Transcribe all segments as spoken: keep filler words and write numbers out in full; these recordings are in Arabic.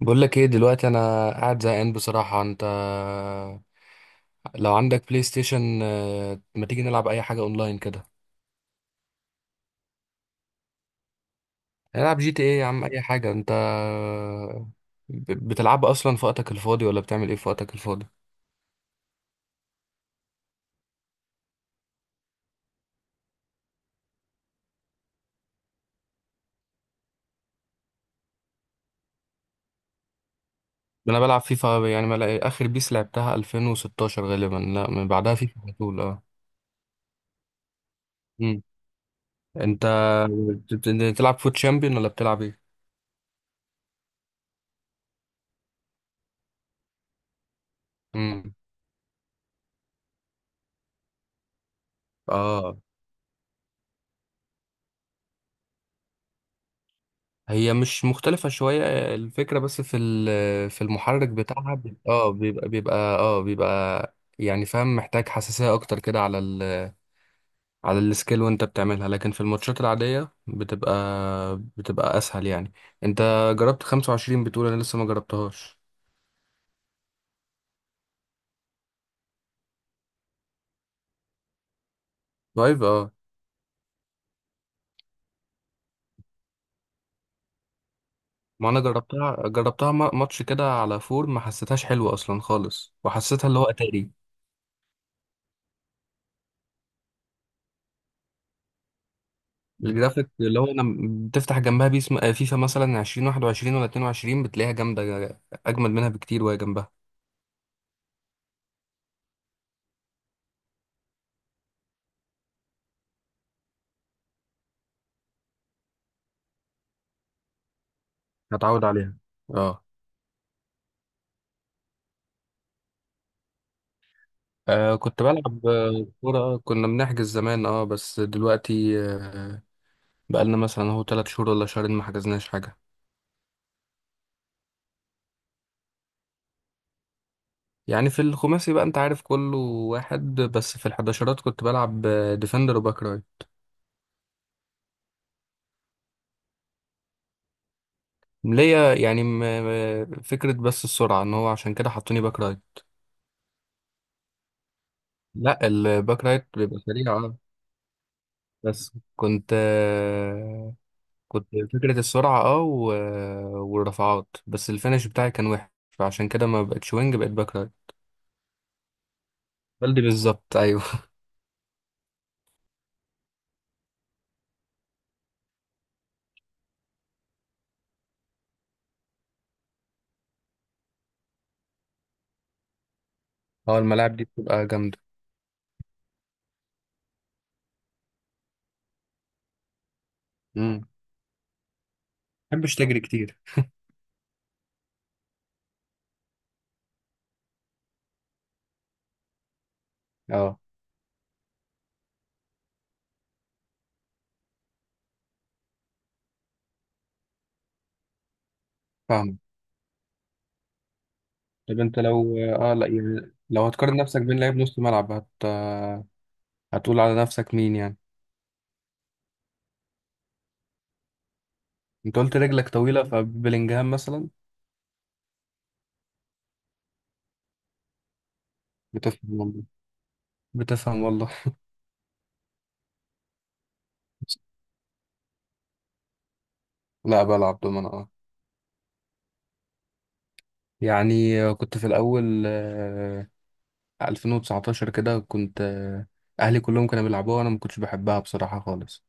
بقول لك ايه دلوقتي؟ انا قاعد زهقان بصراحة. انت لو عندك بلاي ستيشن، آه، ما تيجي نلعب اي حاجة اونلاين كده؟ نلعب جي تي ايه يا عم، اي حاجة. انت ب- بتلعب اصلا في وقتك الفاضي، ولا بتعمل ايه في وقتك الفاضي؟ انا بلعب فيفا، يعني ما لع- اخر بيس لعبتها ألفين وستاشر غالبا، لا من بعدها فيفا على طول اه. مم. انت بت- بت- بتلعب فوت شامبيون ولا بتلعب ايه؟ امم اه هي مش مختلفة شوية. الفكرة بس في ال- في المحرك بتاعها، بي- اه بيبقى بيبقى اه بيبقى يعني، فاهم، محتاج حساسية أكتر كده على ال على السكيل وأنت بتعملها، لكن في الماتشات العادية بتبقى بتبقى أسهل يعني. أنت جربت خمسة وعشرين؟ بتقول أنا لسه ما جربتهاش لايف، اه. ما أنا جربتها جربتها ما- ماتش كده على فور، ما حسيتهاش حلوة أصلا خالص، وحسيتها اللي هو أتاري. الجرافيك اللي هو لما بتفتح جنبها بيس، آه، فيفا مثلا ألفين وواحد وعشرين ولا اتنين وعشرين، بتلاقيها جامدة أجمل منها بكتير وهي جنبها. هتعود عليها اه. آه، كنت بلعب آه، كورة، كنا بنحجز زمان اه، بس دلوقتي آه، بقالنا مثلا اهو تلات شهور ولا شهرين ما حجزناش حاجة. يعني في الخماسي بقى انت عارف كله واحد، بس في الحداشرات كنت بلعب آه، ديفندر وباك رايت. ليا يعني م- م- فكرة، بس السرعة، ان هو عشان كده حطوني باك رايت. لا الباك رايت بيبقى سريع اه. بس كنت آه، كنت فكرة السرعة اه و- والرفعات، بس الفينش بتاعي كان وحش، فعشان كده ما بقتش وينج، بقيت باك رايت. بلدي بالظبط ايوه. اه، الملاعب دي بتبقى جامدة. امم، محبش تجري كتير اه، فاهم. طب انت لو اه، لا يعني لو هتقارن نفسك بين لعيب نص ملعب هت... هتقول على نفسك مين يعني؟ انت قلت رجلك طويلة، فبلينجهام مثلا؟ بتفهم والله، بتفهم والله. لا بلعب دومنة اه. يعني كنت في الأول آه، ألفين وتسعتاشر كده، كنت آه، اهلي كلهم كانوا بيلعبوها، وانا ما كنتش بحبها بصراحة خالص.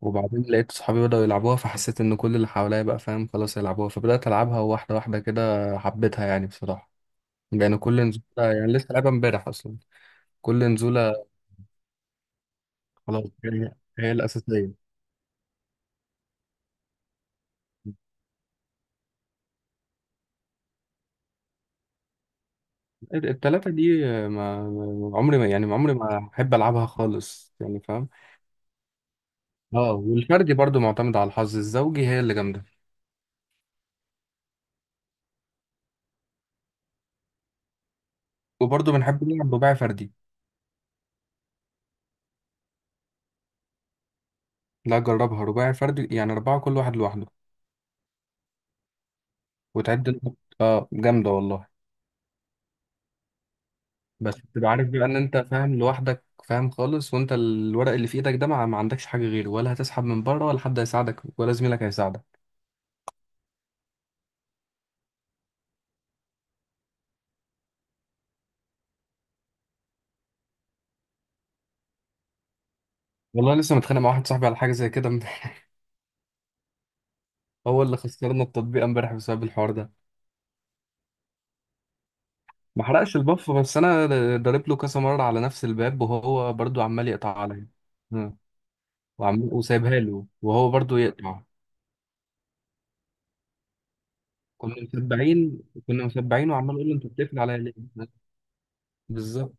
وبعدين لقيت صحابي بدأوا يلعبوها، فحسيت ان كل اللي حواليا بقى فاهم خلاص يلعبوها، فبدأت العبها واحدة واحدة كده، حبيتها يعني بصراحة. يعني كل نزولة، يعني لسه لعبها امبارح اصلا، كل نزولة. خلاص هي هي الأساسية. التلاتة دي آه، ما ما- عمري ما يعني عمري ما أحب ألعبها خالص، يعني فاهم. اه، والفردي برضو معتمد على الحظ، الزوجي هي اللي جامدة. وبرضو بنحب نلعب رباعي فردي. لا جربها رباعي فردي، يعني أربعة كل واحد لوحده. وتعد انت- اه جامدة والله. بس تبقى عارف بقى إن أنت فاهم لوحدك، فاهم خالص، وأنت الورق اللي في إيدك ده ما ما عندكش حاجة غيره، ولا هتسحب من بره، ولا حد هيساعدك، ولا زميلك هيساعدك. والله لسه متخانق مع واحد صاحبي على حاجة زي كده امبارح. هو اللي خسرنا التطبيق امبارح بسبب الحوار ده. ما حرقش البف، بس أنا ضارب له كذا مرة على نفس الباب، وهو برضو عمال يقطع عليا. آه. وعمال وسايبها له، وهو برضو يقطع. كنا مسبعين كنا مسبعين، وعمال يقول له، انت بتقفل عليا ليه؟ بالظبط.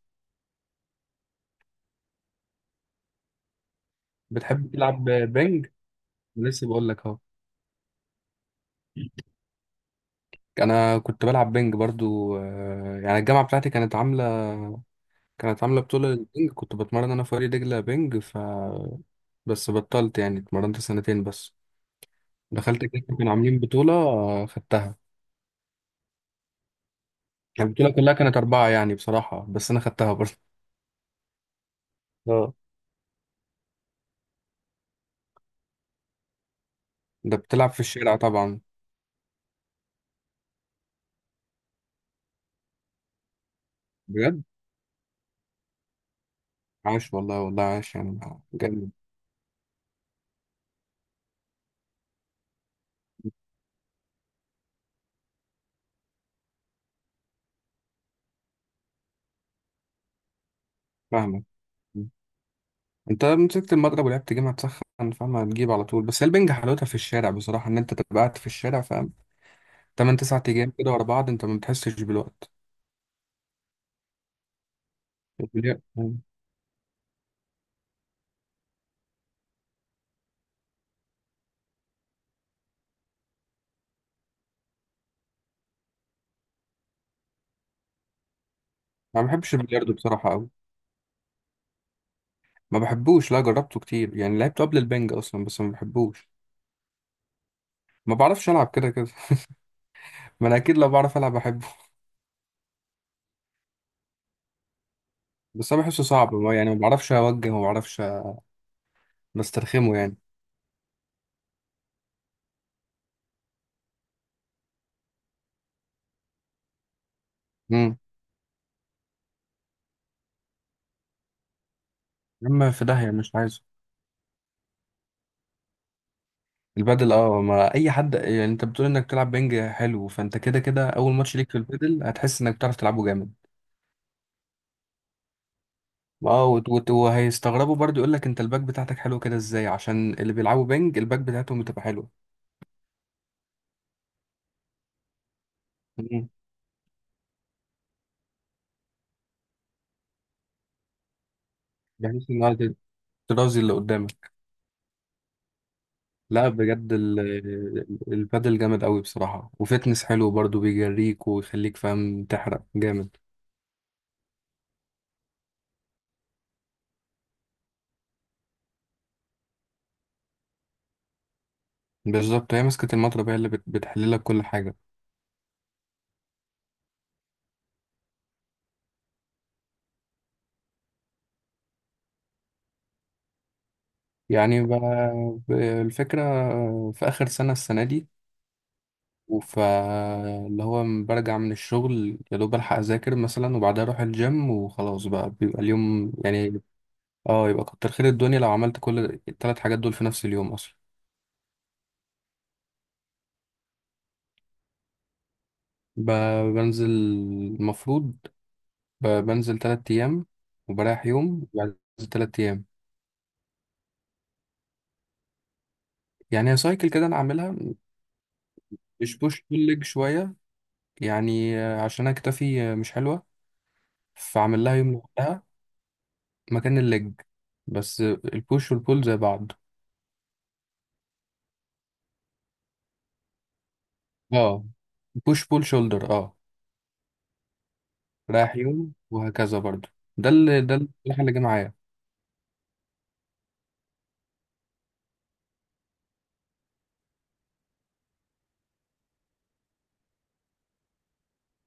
بتحب تلعب بينج؟ لسه بقول لك اهو. انا كنت بلعب بينج برضو، آه، يعني الجامعه بتاعتي كانت عامله كانت عامله بطوله للبينج، كنت بتمرن انا في فريق دجله بينج. ف بس بطلت يعني، اتمرنت سنتين بس. دخلت كده كانوا عاملين بطوله آه، خدتها. البطوله كلها كانت اربعه يعني بصراحه، بس انا خدتها برضو اه. ده بتلعب في الشارع طبعا. بجد، عاش والله، والله عاش يعني. جامد. فاهمك. انت مسكت المضرب ولعبت جيم هتسخن، فاهم، هتجيب على طول. بس هي البنج حلاوتها في الشارع بصراحه، ان انت تبقى قاعد في الشارع، فاهم، تمنية تسعة ايام كده ورا بعض، انت ما بتحسش بالوقت. البلياردو، ما بحبش البلياردو بصراحه قوي، ما بحبوش، لا جربته كتير يعني لعبته قبل البنج اصلا، بس ما بحبوش. ما بعرفش العب كده كده. ما انا اكيد لو بعرف العب بحبه. بس انا بحسه صعب، ما- يعني ما بعرفش اوجه، وما بعرفش، بسترخمه يعني. امم، اما في داهيه مش عايزه. البادل اه، ما اي حد، يعني انت بتقول انك تلعب بنج حلو، فانت كده كده اول ماتش ليك في البادل هتحس انك بتعرف تلعبه جامد. اه، وت- وت- وهيستغربوا برضو، يقول لك انت الباك بتاعتك حلو كده ازاي؟ عشان اللي بيلعبوا بنج الباك بتاعتهم بتبقى حلوه. مم. بحيث ان هو ترازي اللي قدامك. لا بجد ال- البادل جامد قوي بصراحه، وفتنس حلو برضو، بيجريك ويخليك فاهم تحرق جامد. بالظبط. هي مسكة المضرب هي اللي بت- بتحللك كل حاجة. يعني ب- ب- الفكرة في آخر سنة، السنة دي. فاللي هو م- برجع من الشغل يا دوب الحق اذاكر مثلا، وبعدها اروح الجيم، وخلاص بقى بيبقى اليوم يعني اه. يبقى كتر خير الدنيا لو عملت كل الثلاث حاجات دول في نفس اليوم اصلا. ب- بنزل المفروض، ب- بنزل تلات ايام وبريح يوم، وبعدين بنزل تلات ايام. يعني هي سايكل كده انا عاملها. مش بوش بول ليج شويه، يعني آه، عشان انا كتفي آه، مش حلوه، فعمل لها يوم لوحدها مكان الليج، بس البوش والبول زي بعض اه. بوش بول شولدر اه. رايح يوم وهكذا برضو. ده اللي ده الصراحة اللي جه معايا.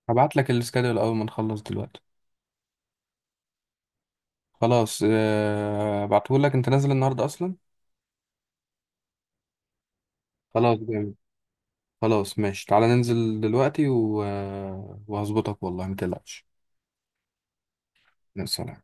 هبعت لك السكادول اول ما نخلص دلوقتي. خلاص آه، هبعته لك، انت نازل النهارده اصلا. خلاص جامد. خلاص ماشي، تعالى ننزل دلوقتي و... آه، وهظبطك والله ما تقلقش. يا سلام.